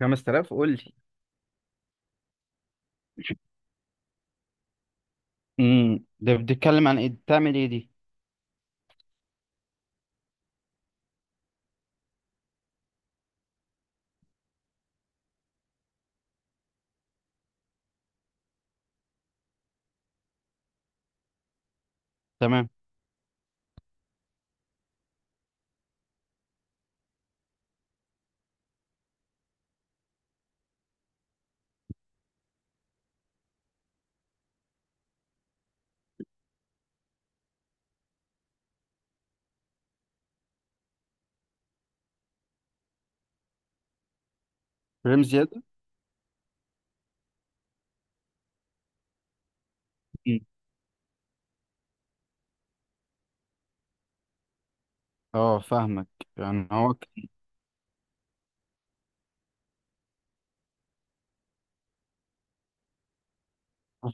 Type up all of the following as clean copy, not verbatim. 5000، قول لي. ده بتتكلم عن ايه؟ بتعمل ايه دي؟ تمام. فريم زياده. مم. اه، فاهمك. يعني هو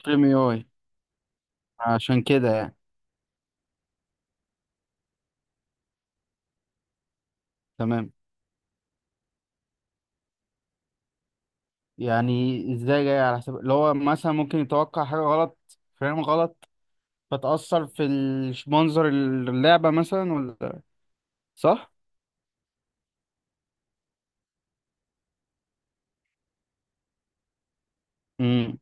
فريم اي اي. عشان كده يعني. تمام. يعني ازاي جاي على حساب اللي هو مثلا ممكن يتوقع حاجه غلط، فريم غلط، فتأثر في منظر اللعبه مثلا ولا؟ صح. امم،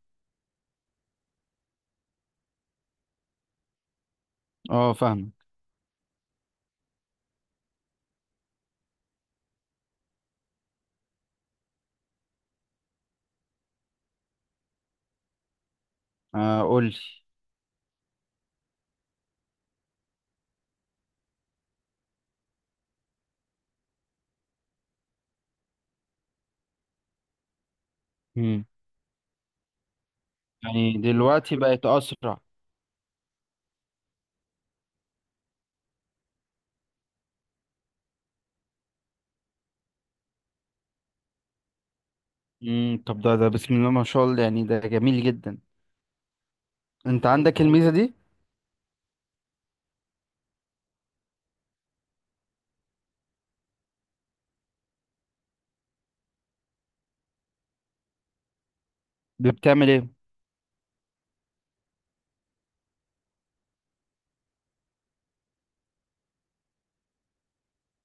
اه، فاهمك. آه، قول لي. امم يعني دلوقتي بقت اسرع؟ طب ده بسم الله ما شاء الله، يعني ده جميل جدا. انت عندك الميزه دي؟ دي بتعمل ايه؟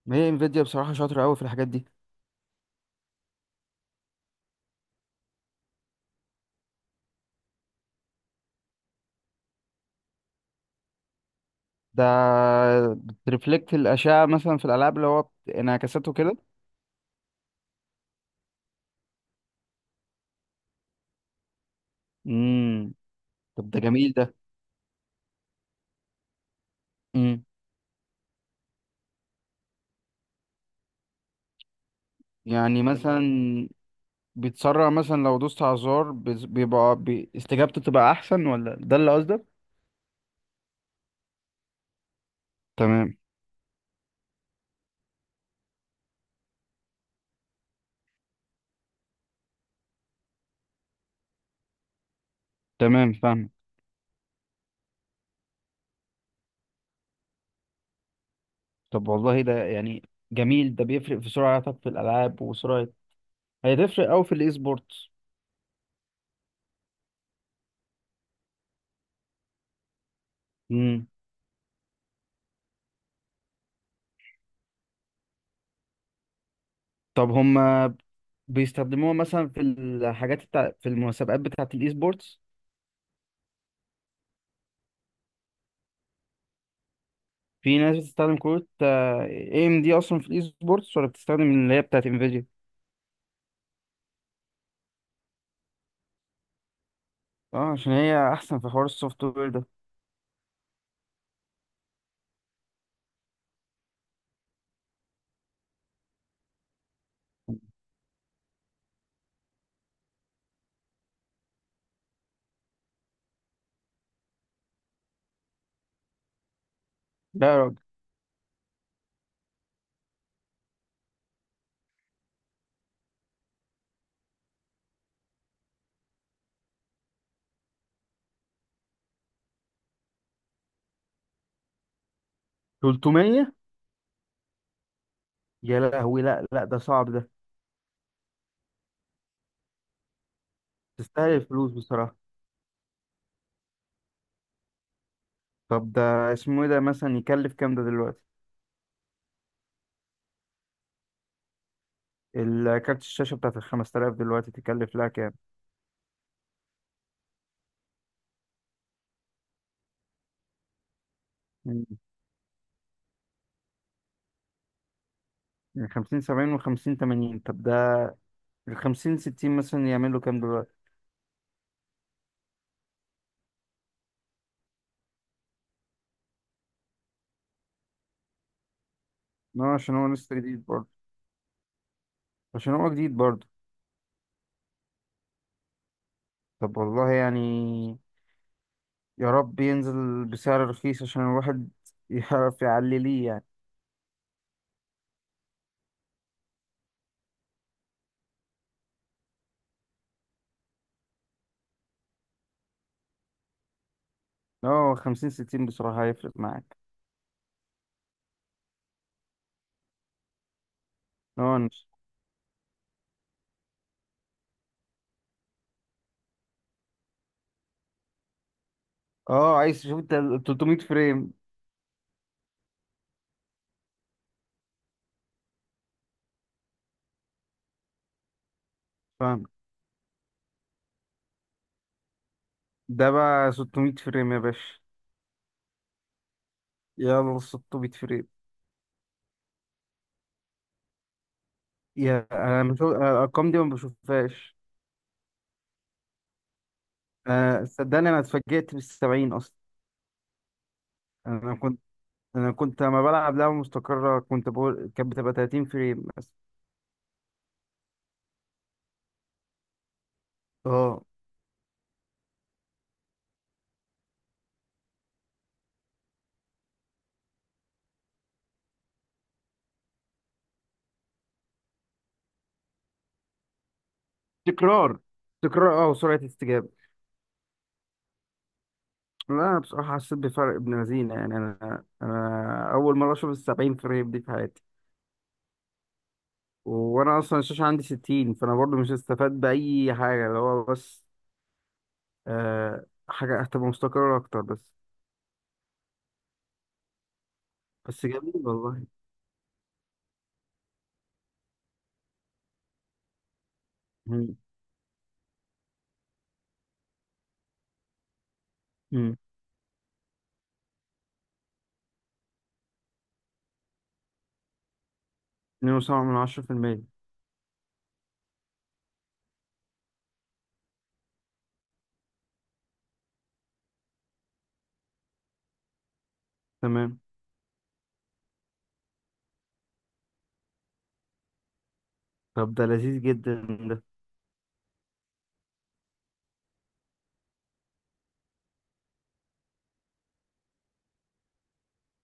ما هي انفيديا بصراحه شاطره قوي في الحاجات دي. ده بترفلكت الاشعه مثلا في الالعاب، اللي هو انعكاساته كده. امم طب ده جميل ده. امم يعني مثلا بيتسرع مثلا لو دوست على الزرار، بيبقى استجابته تبقى احسن ولا ده اللي قصدك؟ تمام. تمام، فاهم. طب والله ده يعني جميل، ده بيفرق في سرعتك في الالعاب وسرعه، هيتفرق قوي في الاي سبورتس. امم طب هما بيستخدموها مثلا في الحاجات بتاع، في المسابقات بتاعه الاي سبورتس؟ في ناس بتستخدم كروت اي ام دي اصلا في الاي سبورتس ولا بتستخدم اللي هي بتاعت انفيديا؟ اه، عشان هي احسن في حوار السوفت وير ده. لا يا راجل! 300؟ يا لهوي، لا، لا، ده صعب ده. تستاهل الفلوس بصراحة. طب ده اسمه ايه ده؟ مثلا يكلف كام ده دلوقتي؟ الكارت الشاشة بتاعت ال 5000 دلوقتي تكلف لها كام؟ مم. من 50 70 و50 80؟ طب ده ال 50 60 مثلا يعمل له كام دلوقتي؟ اه، عشان هو لسه جديد برضه. عشان هو جديد برضه. طب والله يعني يا رب ينزل بسعر رخيص، عشان الواحد يعرف يعلي ليه يعني. اه، 50 60 بصراحة هيفرق معاك. اه، اه، عايز تشوف انت ال 300 فريم. فاهم. ده بقى 600 فريم يا باشا! يلا، 600 فريم! يا، انا بشوف، أنا الارقام دي ما بشوفهاش. آه، صدقني، انا اتفاجئت بال 70 اصلا. انا كنت انا كنت لما بلعب لعبة مستقرة كنت بقول كانت بتبقى 30 فريم مثلا. اه، تكرار، تكرار، اه، وسرعة استجابة. لا، انا بصراحه حسيت بفرق ابن لذينه يعني، انا اول مره اشوف ال 70 فريم دي في حياتي. وانا اصلا الشاشه عندي 60، فانا برضو مش هستفاد باي حاجه، اللي هو بس آه، حاجه هتبقى مستقره اكتر بس. بس جميل والله. مم. مم. 2.7 من 10%. تمام. طب ده لذيذ جدا ده.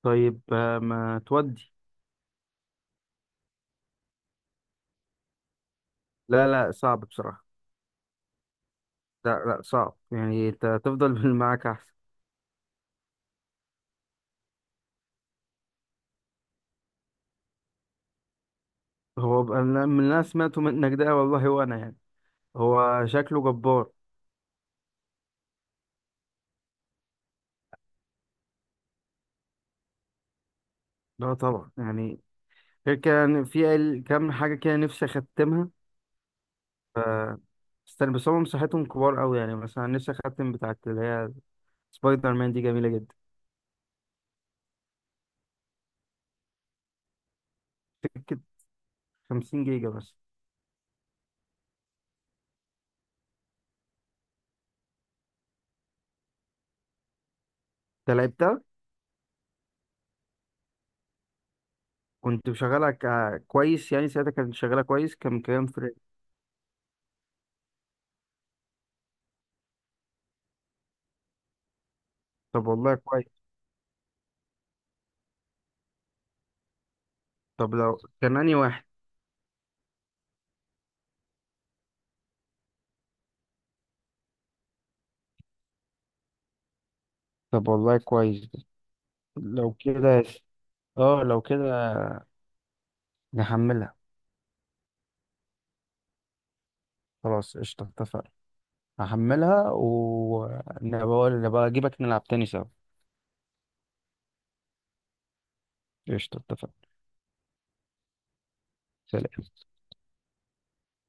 طيب، آه، ما تودي. لا، لا، صعب بصراحه. لا، لا، صعب، يعني انت تفضل بالمعاك احسن. هو بقى- من اللي انا سمعته منك ده والله، وانا يعني هو شكله جبار. لا طبعا يعني، غير كان في كام حاجة كده نفسي أختمها. ف استنى بس، هم مساحتهم كبار أوي، يعني مثلا نفسي أختم بتاعت اللي هي سبايدر مان دي جميلة جدا. سكة 50 جيجا بس. أنت لعبتها؟ كنت مشغلها كويس يعني ساعتها؟ كانت شغالة كويس؟ كان كام فريم؟ طب والله كويس. طب لو كان أنهي واحد. طب والله كويس ده. لو كده اه، لو كده نحملها. خلاص، قشطة، اتفقنا. هحملها، ونبقى نبقى أجيبك نلعب تاني سوا. قشطة، اتفقنا. سلام.